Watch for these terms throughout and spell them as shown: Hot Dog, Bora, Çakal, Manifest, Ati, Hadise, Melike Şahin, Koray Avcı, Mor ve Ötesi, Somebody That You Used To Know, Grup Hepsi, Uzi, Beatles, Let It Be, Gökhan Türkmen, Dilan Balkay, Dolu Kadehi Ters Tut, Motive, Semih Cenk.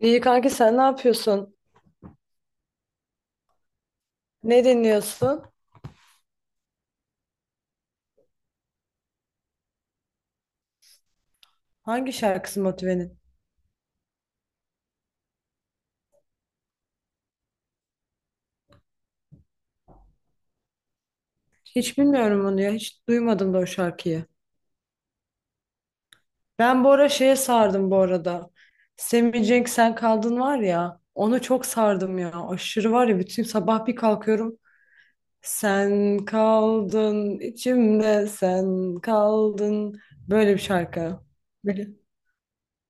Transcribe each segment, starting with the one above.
İyi kanki sen ne yapıyorsun? Ne dinliyorsun? Hangi şarkısı Motive'nin? Hiç bilmiyorum onu ya. Hiç duymadım da o şarkıyı. Ben bu ara şeye sardım bu arada. Semih Cenk Sen Kaldın var ya. Onu çok sardım ya. Aşırı var ya bütün sabah bir kalkıyorum. Sen kaldın içimde sen kaldın. Böyle bir şarkı. Böyle.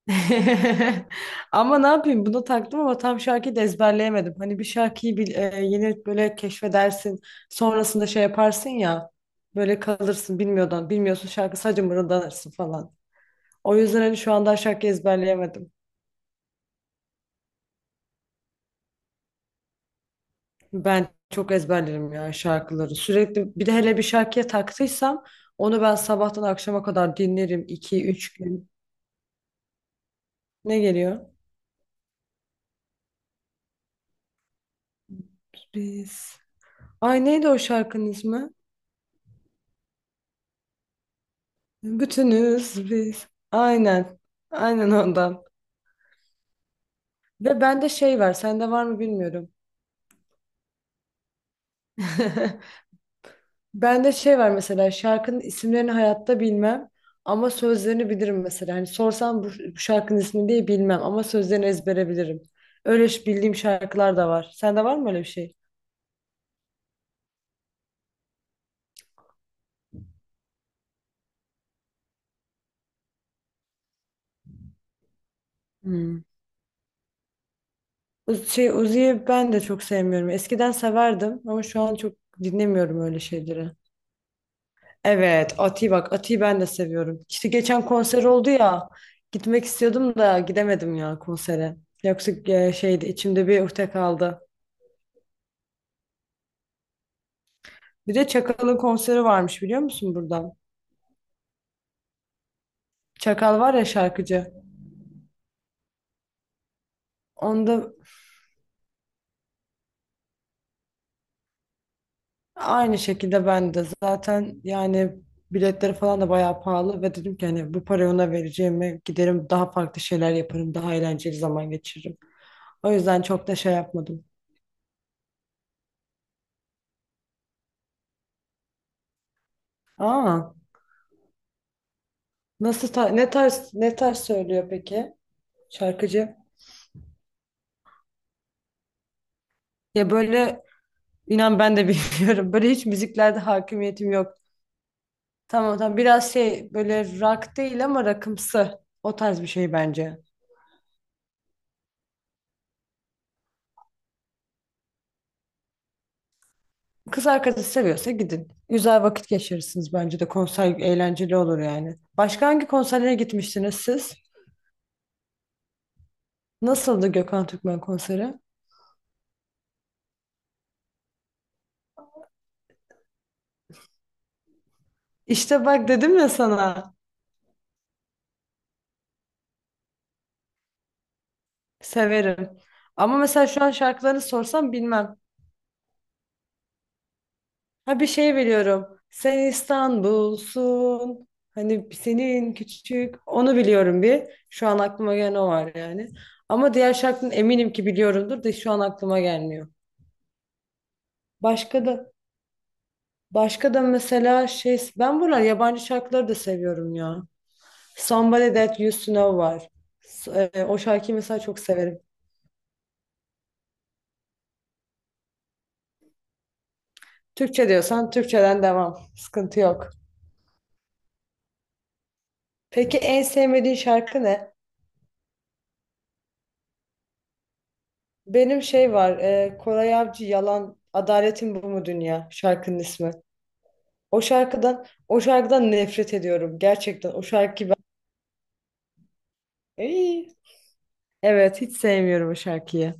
Ama ne yapayım bunu taktım ama tam şarkıyı da ezberleyemedim. Hani bir şarkıyı bil, yeni böyle keşfedersin sonrasında şey yaparsın ya böyle kalırsın bilmiyordan bilmiyorsun şarkı sadece mırıldanırsın falan. O yüzden hani şu anda şarkı ezberleyemedim. Ben çok ezberlerim ya şarkıları, sürekli bir de hele bir şarkıya taktıysam onu ben sabahtan akşama kadar dinlerim 2-3 gün. Ne geliyor? Biz. Ay, neydi o şarkının ismi? Bütünüz biz. Aynen. Aynen ondan. Ve bende şey var, sende var mı bilmiyorum. Bende şey var mesela, şarkının isimlerini hayatta bilmem ama sözlerini bilirim mesela. Hani sorsam bu, bu şarkının ismini diye bilmem ama sözlerini ezbere bilirim. Öyle bildiğim şarkılar da var. Sende var mı öyle bir şey? Hmm. Şey, Uzi'yi ben de çok sevmiyorum. Eskiden severdim ama şu an çok dinlemiyorum öyle şeyleri. Evet, Ati bak, Ati'yi ben de seviyorum. İşte geçen konser oldu ya. Gitmek istiyordum da gidemedim ya konsere. Yoksa şeydi, içimde bir ukde kaldı. Bir de Çakal'ın konseri varmış, biliyor musun buradan? Çakal var ya, şarkıcı. Onda aynı şekilde ben de zaten yani biletleri falan da bayağı pahalı ve dedim ki hani bu parayı ona vereceğimi giderim daha farklı şeyler yaparım, daha eğlenceli zaman geçiririm. O yüzden çok da şey yapmadım. Aa, nasıl ne tarz söylüyor peki? Şarkıcı. Ya böyle inan ben de bilmiyorum. Böyle hiç müziklerde hakimiyetim yok. Tamam tamam, biraz şey böyle, rock değil ama rockımsı. O tarz bir şey bence. Kız arkadaşı seviyorsa gidin. Güzel vakit geçirirsiniz bence de. Konser eğlenceli olur yani. Başka hangi konserlere gitmiştiniz siz? Nasıldı Gökhan Türkmen konseri? İşte bak, dedim ya sana. Severim. Ama mesela şu an şarkılarını sorsam bilmem. Ha, bir şey biliyorum. Sen İstanbul'sun. Hani senin küçük. Onu biliyorum bir. Şu an aklıma gelen o var yani. Ama diğer şarkının eminim ki biliyorumdur da şu an aklıma gelmiyor. Başka da başka da mesela şey, ben buralar yabancı şarkıları da seviyorum ya. Somebody That You Used To Know var. O şarkıyı mesela çok severim. Türkçe diyorsan Türkçeden devam. Sıkıntı yok. Peki en sevmediğin şarkı ne? Benim şey var, Koray Avcı Yalan, Adaletin Bu Mu Dünya şarkının ismi. O şarkıdan nefret ediyorum gerçekten. O şarkıyı ben... Ey! Evet, hiç sevmiyorum o şarkıyı.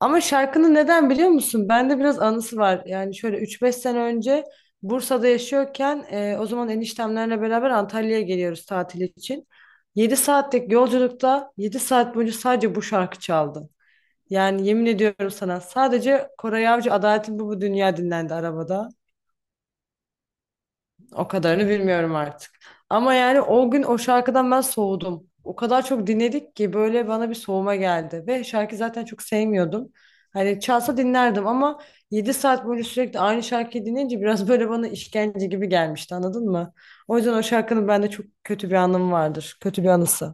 Ama şarkının neden biliyor musun? Bende biraz anısı var. Yani şöyle 3-5 sene önce Bursa'da yaşıyorken o zaman eniştemlerle beraber Antalya'ya geliyoruz tatil için. 7 saatlik yolculukta 7 saat boyunca sadece bu şarkı çaldı. Yani yemin ediyorum sana, sadece Koray Avcı Adaletin Bu Dünya dinlendi arabada. O kadarını bilmiyorum artık. Ama yani o gün o şarkıdan ben soğudum. O kadar çok dinledik ki böyle bana bir soğuma geldi. Ve şarkı zaten çok sevmiyordum. Hani çalsa dinlerdim ama 7 saat boyunca sürekli aynı şarkıyı dinleyince biraz böyle bana işkence gibi gelmişti, anladın mı? O yüzden o şarkının bende çok kötü bir anım vardır. Kötü bir anısı.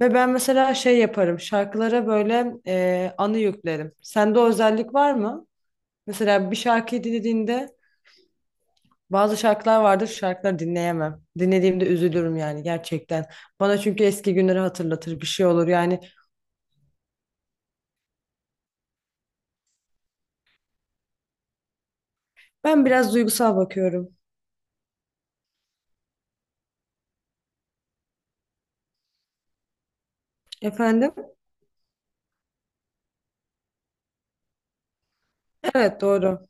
Ve ben mesela şey yaparım, şarkılara böyle anı yüklerim. Sende o özellik var mı? Mesela bir şarkıyı dinlediğinde bazı şarkılar vardır, şarkıları dinleyemem. Dinlediğimde üzülürüm yani gerçekten. Bana çünkü eski günleri hatırlatır, bir şey olur yani. Ben biraz duygusal bakıyorum. Efendim? Evet, doğru.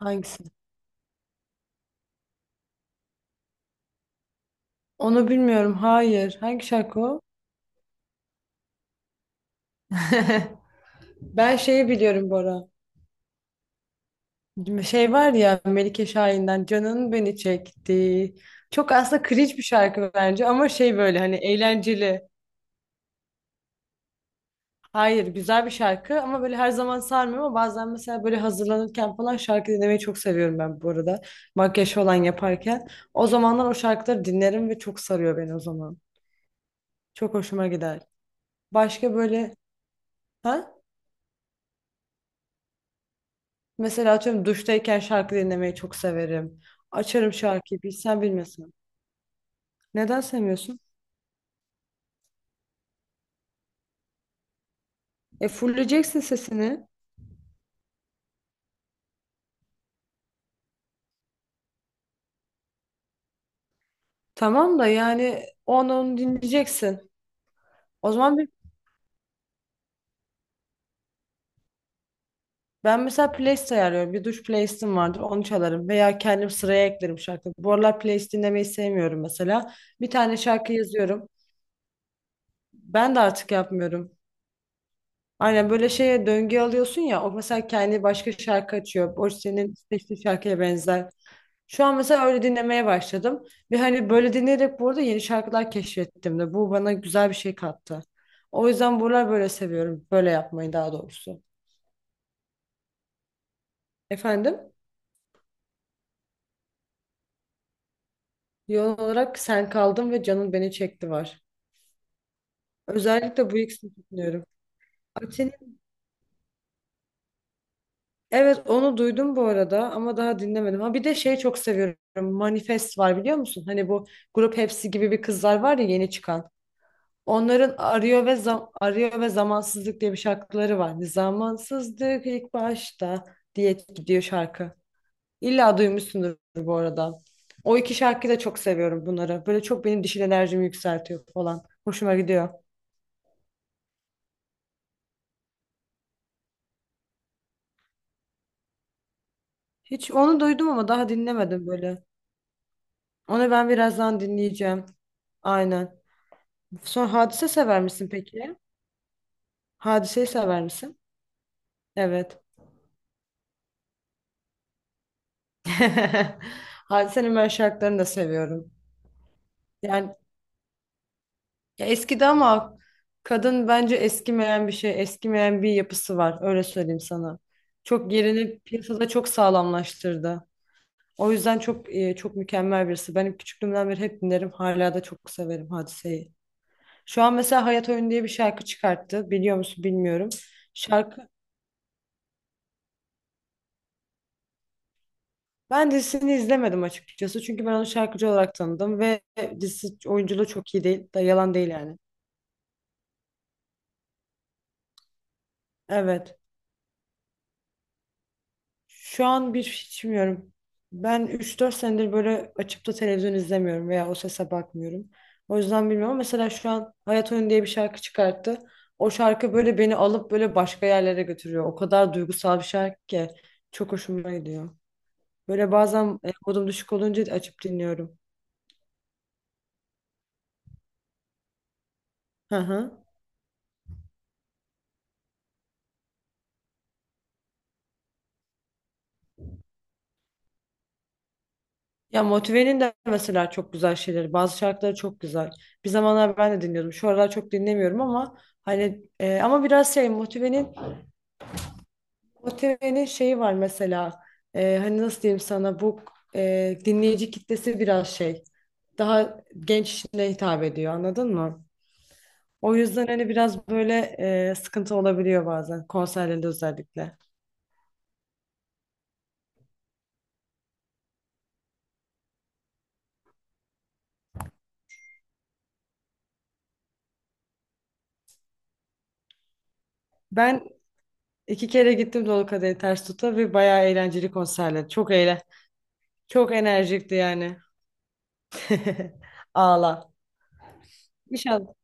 Hangisi? Onu bilmiyorum. Hayır. Hangi şarkı o? Ben şeyi biliyorum Bora. Şey var ya, Melike Şahin'den Canın Beni Çekti. Çok aslında cringe bir şarkı bence ama şey, böyle hani eğlenceli. Hayır, güzel bir şarkı ama böyle her zaman sarmıyor, ama bazen mesela böyle hazırlanırken falan şarkı dinlemeyi çok seviyorum ben bu arada. Makyaj falan yaparken. O zamanlar o şarkıları dinlerim ve çok sarıyor beni o zaman. Çok hoşuma gider. Başka böyle, ha? Mesela atıyorum, duştayken şarkı dinlemeyi çok severim. Açarım şarkıyı bilsen bilmesen. Neden sevmiyorsun? E, fulleyeceksin sesini. Tamam da yani onu dinleyeceksin. O zaman ben mesela playlist ayarlıyorum. Bir duş playlistim vardır. Onu çalarım. Veya kendim sıraya eklerim şarkı. Bu aralar playlist dinlemeyi sevmiyorum mesela. Bir tane şarkı yazıyorum. Ben de artık yapmıyorum. Aynen, böyle şeye döngü alıyorsun ya. O mesela kendi başka şarkı açıyor. O senin seçtiğin şarkıya benzer. Şu an mesela öyle dinlemeye başladım. Ve hani böyle dinleyerek bu arada yeni şarkılar keşfettim de. Bu bana güzel bir şey kattı. O yüzden buralar böyle seviyorum. Böyle yapmayı, daha doğrusu. Efendim? Yoğun olarak sen kaldın ve canın beni çekti var. Özellikle bu ikisini dinliyorum. Ati'nin, evet, onu duydum bu arada ama daha dinlemedim. Ha, bir de şey çok seviyorum. Manifest var, biliyor musun? Hani bu Grup Hepsi gibi bir kızlar var ya yeni çıkan. Onların Arıyor ve Zamansızlık diye bir şarkıları var. Hani Zamansızlık ilk başta diye gidiyor şarkı. İlla duymuşsundur bu arada. O iki şarkıyı da çok seviyorum bunları. Böyle çok benim dişil enerjimi yükseltiyor falan. Hoşuma gidiyor. Hiç onu duydum ama daha dinlemedim böyle. Onu ben birazdan dinleyeceğim. Aynen. Sonra, Hadise sever misin peki? Hadise'yi sever misin? Evet. Hadise'nin ben şarkılarını da seviyorum. Yani ya eskidi ama kadın bence eskimeyen bir şey, eskimeyen bir yapısı var. Öyle söyleyeyim sana. Çok yerini piyasada çok sağlamlaştırdı. O yüzden çok çok mükemmel birisi. Benim küçüklüğümden beri hep dinlerim. Hala da çok severim Hadise'yi. Şu an mesela Hayat Oyun diye bir şarkı çıkarttı. Biliyor musun bilmiyorum. Şarkı Ben dizisini izlemedim açıkçası. Çünkü ben onu şarkıcı olarak tanıdım ve dizisi, oyunculuğu çok iyi değil. Da yalan değil yani. Evet. Şu an bir hiç bilmiyorum. Ben 3-4 senedir böyle açıp da televizyon izlemiyorum veya o sese bakmıyorum. O yüzden bilmiyorum. Mesela şu an Hayat Oyunu diye bir şarkı çıkarttı. O şarkı böyle beni alıp böyle başka yerlere götürüyor. O kadar duygusal bir şarkı ki çok hoşuma gidiyor. Böyle bazen modum düşük olunca açıp dinliyorum. Hı hı. Ya Motive'nin de mesela çok güzel şeyleri. Bazı şarkıları çok güzel. Bir zamanlar ben de dinliyordum. Şu aralar çok dinlemiyorum ama hani ama biraz şey, Motive'nin şeyi var mesela. E, hani nasıl diyeyim sana, bu dinleyici kitlesi biraz şey. Daha genç kişilere hitap ediyor, anladın mı? O yüzden hani biraz böyle sıkıntı olabiliyor bazen konserlerde, özellikle. Ben 2 kere gittim Dolu Kadehi Ters Tut'a ve bayağı eğlenceli konserler. Çok eğlenceli. Çok enerjikti yani. Ağla. İnşallah.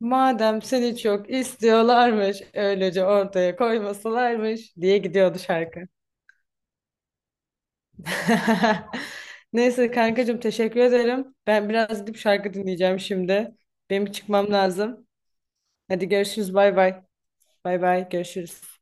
Madem seni çok istiyorlarmış, öylece ortaya koymasalarmış diye gidiyordu şarkı. Neyse kankacığım, teşekkür ederim. Ben biraz gidip şarkı dinleyeceğim şimdi. Benim çıkmam lazım. Hadi görüşürüz, bay bay. Bay bay, görüşürüz.